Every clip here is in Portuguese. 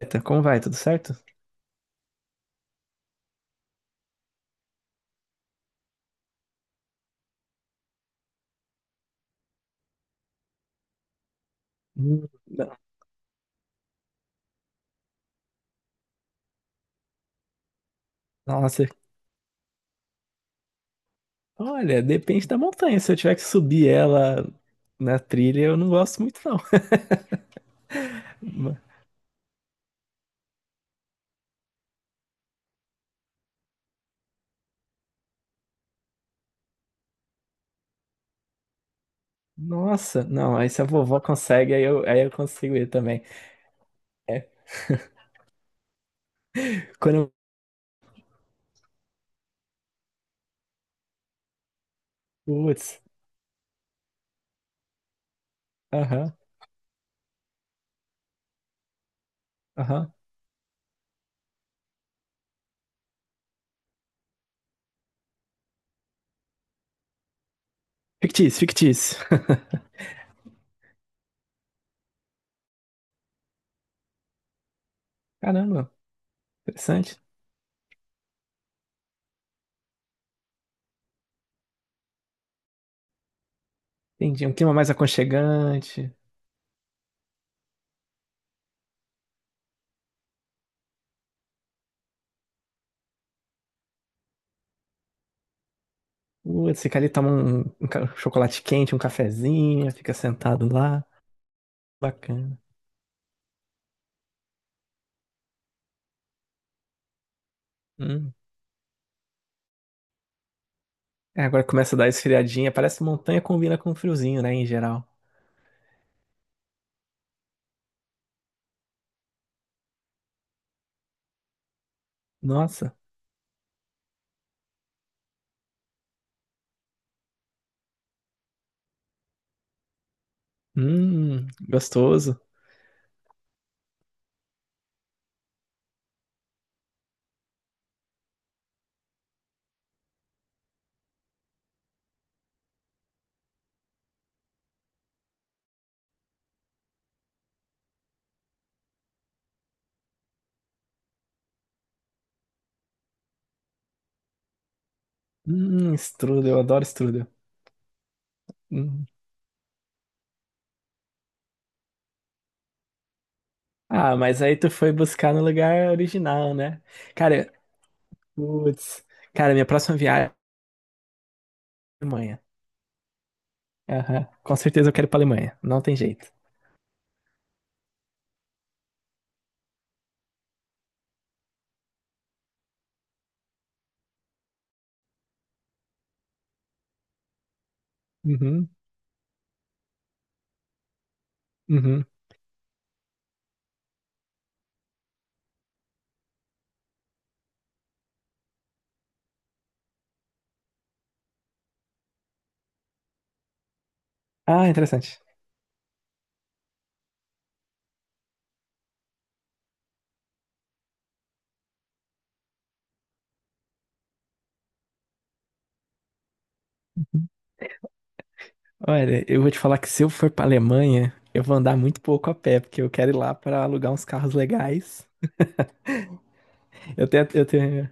Eita, como vai? Tudo certo? Não. Nossa, olha, depende da montanha. Se eu tiver que subir ela na trilha, eu não gosto muito, não. Ma- Nossa, não, aí se a vovó consegue, aí eu consigo ir também. É, quando eu. Putz, aham, aham. Fictício, fictício. Caramba, interessante. Entendi. Um clima mais aconchegante. Putz, fica ali, toma um chocolate quente, um cafezinho, fica sentado lá. Bacana. Hum. É, agora começa a dar esfriadinha. Parece montanha combina com friozinho, né, em geral. Nossa. Gostoso. Strudel, eu adoro strudel. Hum. Ah, mas aí tu foi buscar no lugar original, né? Cara, putz. Cara, minha próxima viagem é a Alemanha. Aham. Com certeza eu quero ir pra Alemanha. Não tem jeito. Uhum, uhum. Ah, interessante. Olha, eu vou te falar que se eu for pra Alemanha, eu vou andar muito pouco a pé, porque eu quero ir lá pra alugar uns carros legais. Eu tenho, eu tenho,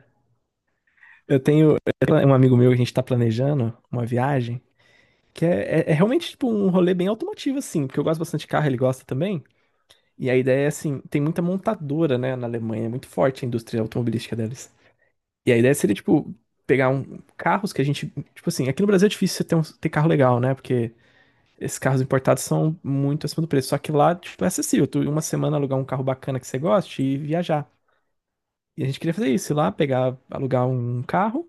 eu tenho um amigo meu que a gente tá planejando uma viagem, que é realmente tipo um rolê bem automotivo, assim, porque eu gosto bastante de carro, ele gosta também. E a ideia é assim, tem muita montadora, né, na Alemanha, é muito forte a indústria automobilística deles. E a ideia seria, tipo, pegar carros que a gente. Tipo assim, aqui no Brasil é difícil você ter carro legal, né? Porque esses carros importados são muito acima do preço. Só que lá, tipo, é acessível. Tu, em uma semana alugar um carro bacana que você goste e viajar. E a gente queria fazer isso, ir lá, pegar, alugar um carro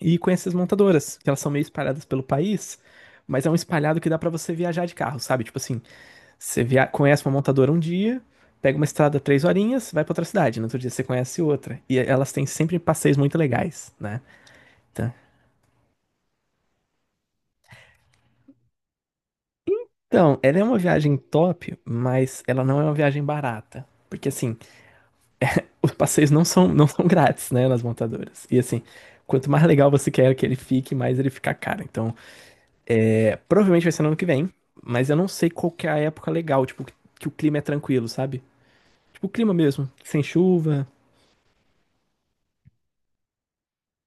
e com essas montadoras, que elas são meio espalhadas pelo país, mas é um espalhado que dá pra você viajar de carro, sabe? Tipo assim, conhece uma montadora um dia, pega uma estrada 3 horinhas, vai pra outra cidade, no outro dia você conhece outra. E elas têm sempre passeios muito legais, né? Tá. Então, ela é uma viagem top, mas ela não é uma viagem barata. Porque assim, os passeios não são grátis, né, nas montadoras. E assim, quanto mais legal você quer que ele fique, mais ele fica caro. Então, é, provavelmente vai ser no ano que vem, mas eu não sei qual que é a época legal, tipo, que o clima é tranquilo, sabe? Tipo, o clima mesmo, sem chuva,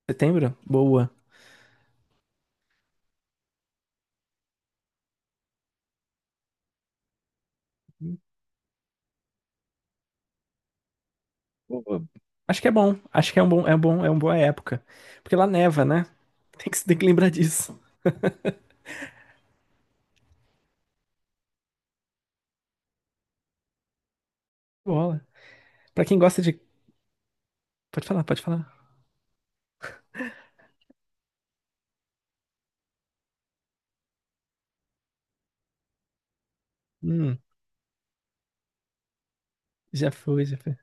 setembro, boa. Pô, acho que é bom, acho que é um bom, é uma boa época. Porque lá neva, né? Tem que lembrar disso. Bola. Pra quem gosta de. Pode falar, pode falar. Hum, já foi, já foi.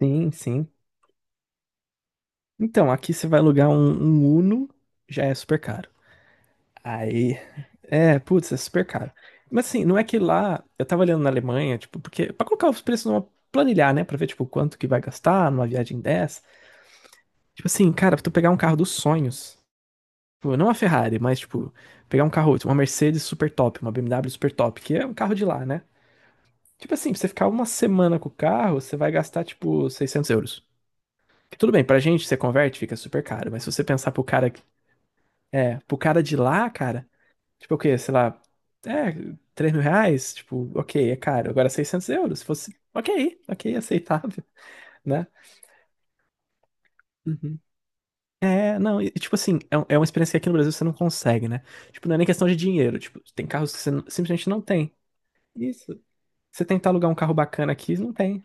Sim, sim. Então, aqui você vai alugar um Uno, já é super caro. Aí. É, putz, é super caro. Mas assim, não é que lá. Eu tava olhando na Alemanha, tipo, porque. Pra colocar os preços numa. Planilhar, né? Pra ver, tipo, quanto que vai gastar numa viagem dessa. Tipo assim, cara, pra tu pegar um carro dos sonhos. Tipo, não uma Ferrari, mas, tipo, pegar um carro, tipo, uma Mercedes super top, uma BMW super top, que é um carro de lá, né? Tipo assim, pra você ficar uma semana com o carro, você vai gastar, tipo, 600 euros. Tudo bem, pra gente, você converte, fica super caro. Mas se você pensar pro cara. É, pro cara de lá, cara. Tipo o quê? Sei lá. É, 3 mil reais? Tipo, ok, é caro. Agora 600 euros. Se fosse. Ok, ok, aceitável, né? Uhum. É, não, e, tipo assim, é uma experiência que aqui no Brasil você não consegue, né? Tipo, não é nem questão de dinheiro. Tipo, tem carros que você simplesmente não tem. Isso. Você tentar alugar um carro bacana aqui, não tem.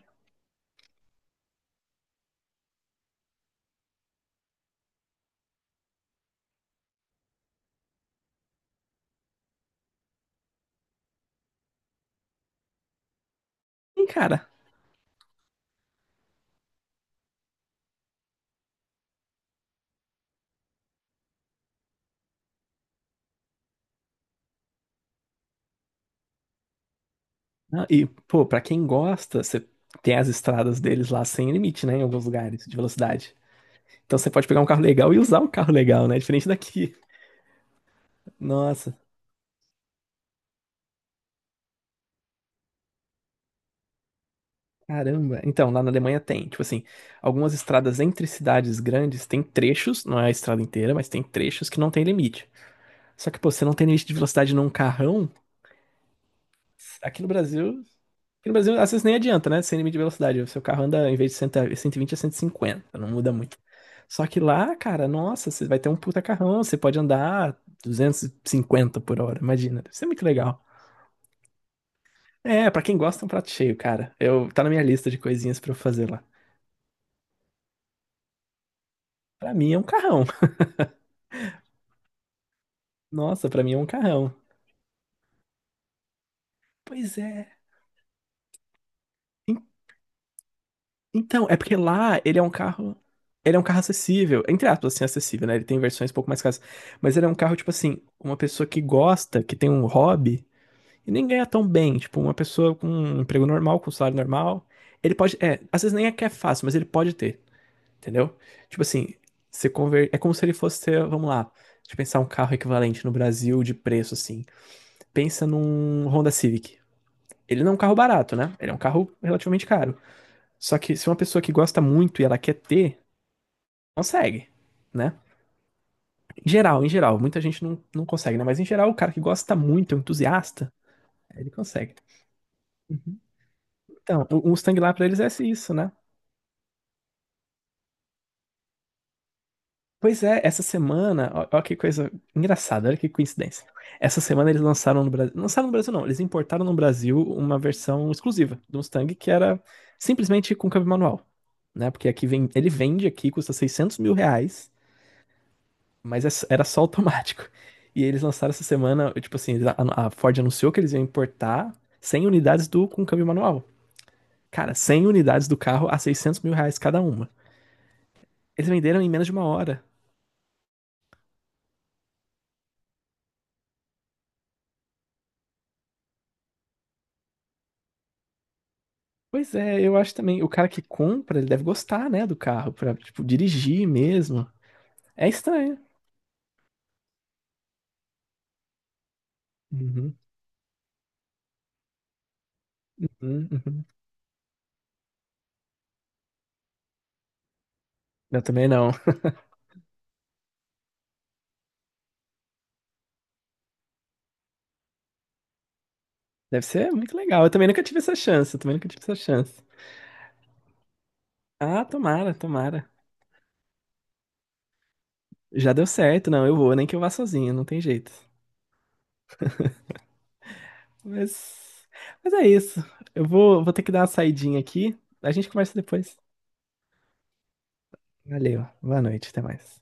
Sim, cara. Não, e, pô, pra quem gosta, você tem as estradas deles lá sem limite, né? Em alguns lugares de velocidade. Então você pode pegar um carro legal e usar o carro legal, né? Diferente daqui. Nossa, caramba. Então, lá na Alemanha tem, tipo assim, algumas estradas entre cidades grandes tem trechos, não é a estrada inteira, mas tem trechos que não tem limite. Só que, pô, você não tem limite de velocidade num carrão. Aqui no Brasil, aqui no Brasil, às vezes nem adianta, né? Sem limite de velocidade. O seu carro anda, em vez de 100, 120, 150 não muda muito. Só que lá, cara, nossa, você vai ter um puta carrão, você pode andar 250 por hora, imagina. Isso é muito legal. É, pra quem gosta, é um prato cheio, cara. Eu, tá na minha lista de coisinhas pra eu fazer lá. Pra mim é um carrão. Nossa, pra mim é um carrão. Pois é. Então, é porque lá ele é um carro. Ele é um carro acessível, entre aspas, assim, acessível, né? Ele tem versões um pouco mais caras. Mas ele é um carro, tipo assim, uma pessoa que gosta, que tem um hobby, e nem ganha tão bem. Tipo, uma pessoa com um emprego normal, com um salário normal. Ele pode. É, às vezes nem é que é fácil, mas ele pode ter, entendeu? Tipo assim, é como se ele fosse ter, vamos lá, deixa eu pensar um carro equivalente no Brasil de preço, assim. Pensa num Honda Civic. Ele não é um carro barato, né? Ele é um carro relativamente caro. Só que se uma pessoa que gosta muito e ela quer ter, consegue, né? Em geral, muita gente não consegue, né? Mas em geral, o cara que gosta muito, é um entusiasta, ele consegue. Uhum. Então, o Mustang lá pra eles é isso, né? Pois é, essa semana, ó, ó que coisa engraçada, olha que coincidência. Essa semana eles lançaram no Brasil não, eles importaram no Brasil uma versão exclusiva do Mustang que era simplesmente com câmbio manual, né? Porque aqui vem, ele vende aqui, custa 600 mil reais. Mas era só automático. E eles lançaram essa semana, tipo assim, eles a Ford anunciou que eles iam importar 100 unidades do com câmbio manual. Cara, 100 unidades do carro a 600 mil reais cada uma. Eles venderam em menos de uma hora. Pois é, eu acho também, o cara que compra, ele deve gostar, né, do carro, pra, tipo, dirigir mesmo. É estranho. Uhum, uhum, uhum. Eu também não. Deve ser muito legal. Eu também nunca tive essa chance, eu também nunca tive essa chance. Ah, tomara, tomara. Já deu certo, não, eu vou, nem que eu vá sozinho, não tem jeito. Mas, mas é isso. Eu vou ter que dar uma saidinha aqui. A gente conversa depois. Valeu. Boa noite. Até mais.